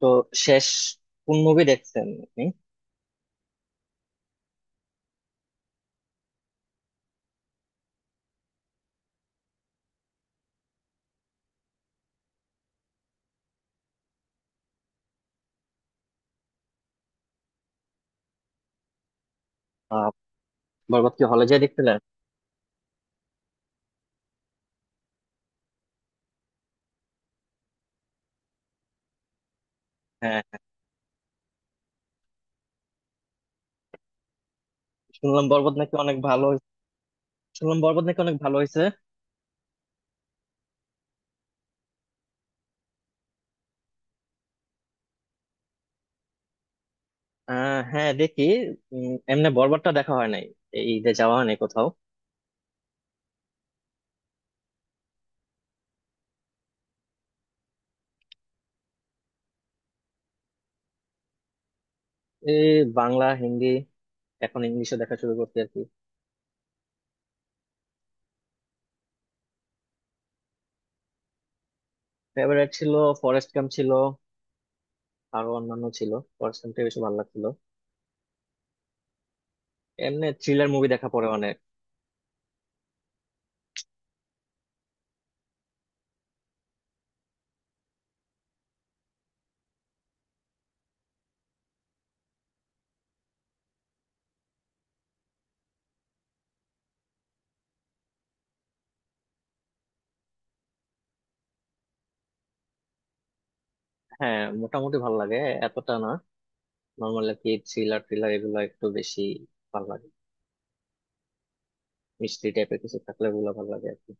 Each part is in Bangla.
তো শেষ কোন মুভি দেখছেন আপনি? আহ, বরবাদ কি হলে যেয়ে দেখছিলেন? হ্যাঁ হ্যাঁ। শুনলাম বরবাদ নাকি অনেক ভালো হয়েছে। শুনলাম বরবাদ নাকি অনেক ভালো হয়েছে। হ্যাঁ, দেখি। এমনি বরবাদটা দেখা হয় নাই। এই ঈদে যাওয়া হয় নাই কোথাও। এই বাংলা হিন্দি, এখন ইংলিশে দেখা শুরু করতে আর কি। ফেভারিট ছিল, ফরেস্ট গাম্প ছিল, আরো অন্যান্য ছিল। ফরেস্ট গাম্পটা বেশি ভালো লাগছিল। এমনি থ্রিলার মুভি দেখা পড়ে অনেক। হ্যাঁ, মোটামুটি ভালো লাগে, এতটা না। নর্মাল আর কি, থ্রিলার থ্রিলার এগুলো একটু বেশি ভালো লাগে। মিষ্টি টাইপের কিছু থাকলে ওগুলা ভালো লাগে আর কি।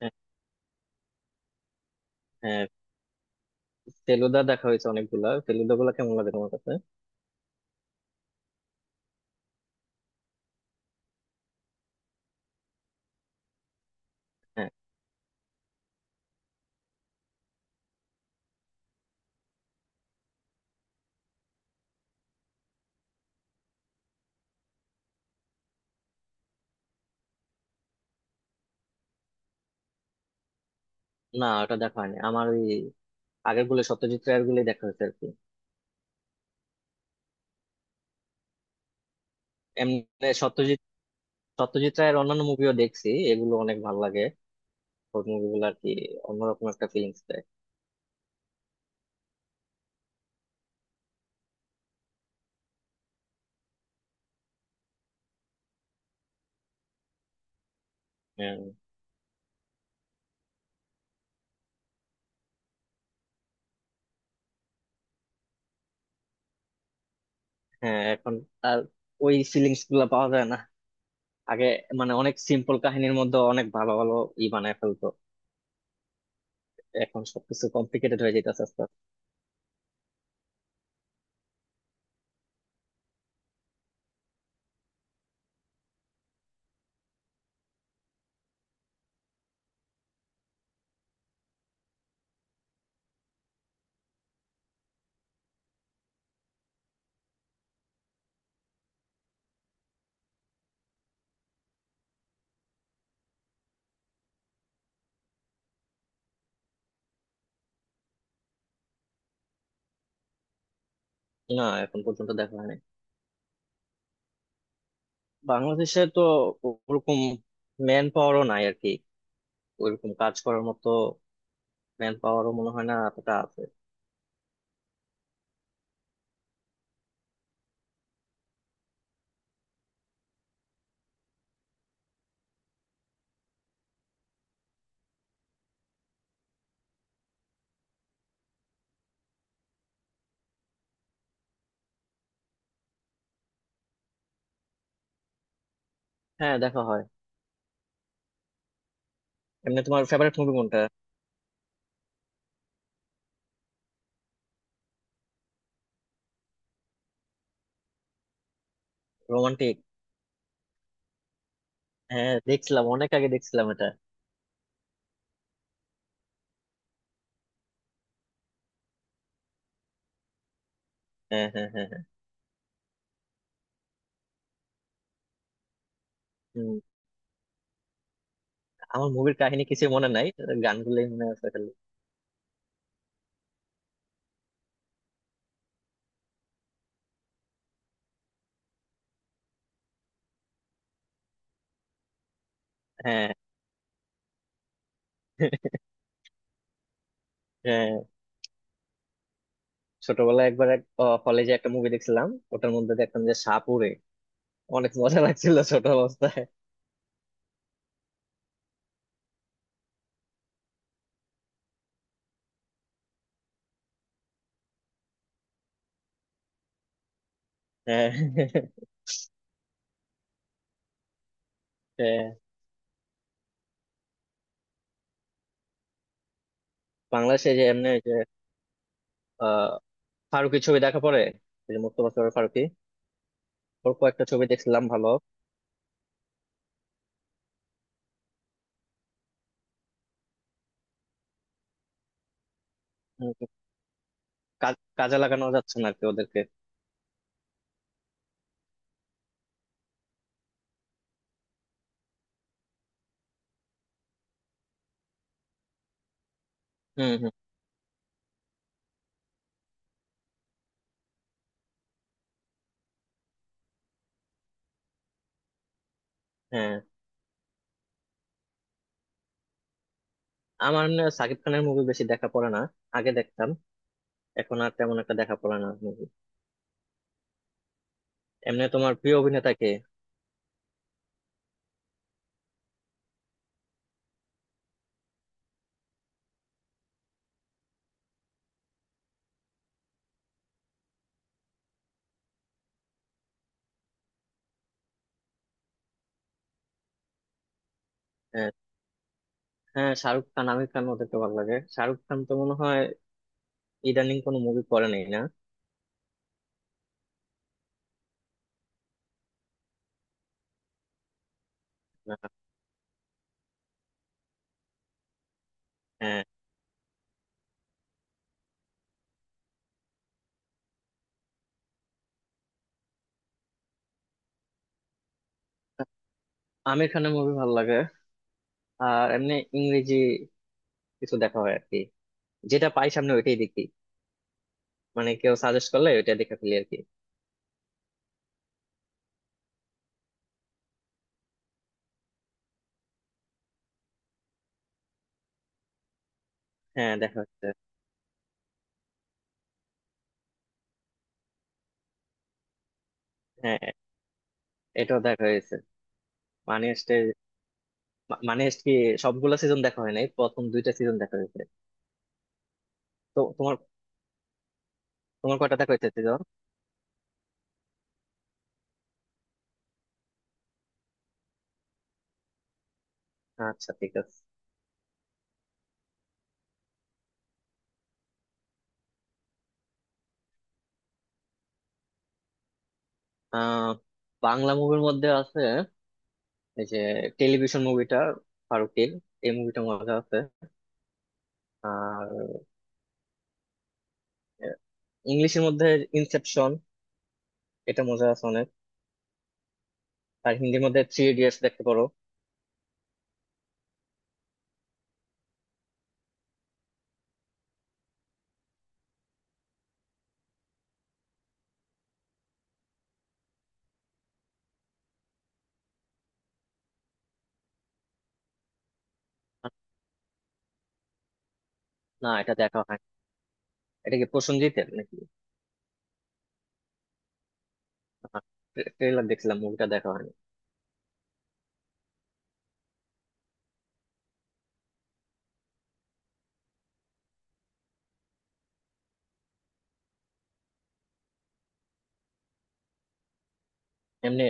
হ্যাঁ। হ্যাঁ, ফেলুদা দেখা হয়েছে অনেকগুলা, ফেলুদা গুলা কেমন লাগে তোমার কাছে? হ্যাঁ, না ওটা দেখা হয়নি আমার। ওই আগের গুলো সত্যজিৎ রায়ের গুলোই দেখা হয়েছে আর কি। এমনি সত্যজিৎ সত্যজিৎ রায়ের অন্যান্য মুভিও দেখছি, এগুলো অনেক ভালো লাগে। ওর মুভিগুলো আর কি অন্যরকম একটা ফিলিংস দেয়। হ্যাঁ। হ্যাঁ, এখন আর ওই ফিলিংস গুলা পাওয়া যায় না। আগে মানে অনেক সিম্পল কাহিনীর মধ্যে অনেক ভালো ভালো ই বানায় ফেলতো, এখন সবকিছু কমপ্লিকেটেড হয়ে যেতেছে আস্তে আস্তে। না, এখন পর্যন্ত দেখা হয়নি। বাংলাদেশে তো ওরকম ম্যান পাওয়ারও নাই আর কি, ওরকম কাজ করার মতো ম্যান পাওয়ারও মনে হয় না এতটা আছে। হ্যাঁ, দেখা হয়। এমনি তোমার ফেভারিট মুভি কোনটা? রোমান্টিক। হ্যাঁ, দেখছিলাম, অনেক আগে দেখছিলাম এটা। হ্যাঁ হ্যাঁ হ্যাঁ হ্যাঁ। হুম, আমার মুভির কাহিনী কিছু মনে নাই, গানগুলোই মনে আছে খালি। হ্যাঁ। হ্যাঁ। ছোটবেলায় একবার এক কলেজে একটা মুভি দেখছিলাম, ওটার মধ্যে দেখলাম যে সাপ উড়ে, অনেক মজা লাগছিল ছোট অবস্থায়। হ্যাঁ হ্যাঁ হ্যাঁ। বাংলাদেশে যে এমনি, যে ফারুকি ছবি দেখা পড়ে, ওই যে মোস্তফা সরোয়ার ফারুকি, ওর কয়েকটা ছবি দেখছিলাম, ভালো। উম, কাজে লাগানো যাচ্ছে না আর কি ওদেরকে। হম হম। হ্যাঁ। আমার না সাকিব খানের মুভি বেশি দেখা পড়ে না। আগে দেখতাম, এখন আর তেমন একটা দেখা পড়ে না মুভি। এমনি তোমার প্রিয় অভিনেতা কে? আহ, হ্যাঁ, শাহরুখ খান, আমির খান, ওদেরকে ভালো লাগে। শাহরুখ খান তো মনে হয় ইদানিং কোনো মুভি করে নেই না। না, হ্যাঁ আমির খানের মুভি ভালো লাগে। আর এমনি ইংরেজি কিছু দেখা হয় আর কি, যেটা পাই সামনে ওইটাই দেখি, মানে কেউ সাজেস্ট করলে ওইটা দেখে ফেলি আর কি। হ্যাঁ, দেখা হচ্ছে। হ্যাঁ, এটাও দেখা হয়েছে। মানি হাইস্টের, মানি হাইস্ট কি সবগুলো সিজন দেখা হয় নাই, প্রথম দুইটা সিজন দেখা হয়েছে। তো তোমার তোমার কয়টা দেখা হয়েছে সিজন? আচ্ছা, ঠিক আছে। আহ বাংলা মুভির মধ্যে আছে এই যে টেলিভিশন মুভিটা, ফারুকের, এই মুভিটা মজা আছে। আর ইংলিশের মধ্যে ইনসেপশন, এটা মজা আছে অনেক। আর হিন্দির মধ্যে থ্রি ইডিয়টস দেখতে পারো। না, এটা দেখা হয়। এটা কি প্রসেনজিতের নাকি? ট্রেলার দেখছিলাম, মুভিটা দেখা হয়নি। এমনি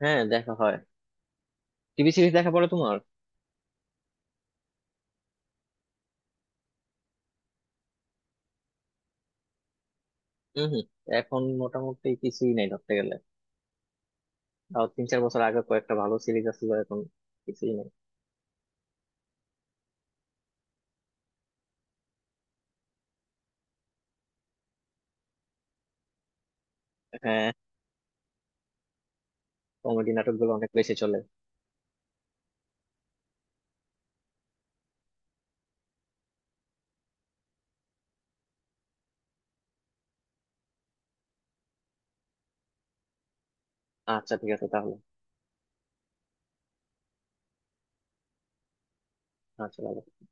হ্যাঁ, দেখা হয়। টিভি সিরিজ দেখা পড়ে তোমার? হম হম। এখন মোটামুটি কিছুই নাই ধরতে গেলে। তাও 3-4 বছর আগে কয়েকটা ভালো সিরিজ আছে, এখন কিছুই নাই। হ্যাঁ। কমেডি নাটকগুলো অনেক বেশি চলে। আচ্ছা, ঠিক আছে তাহলে। আচ্ছা, bye-bye।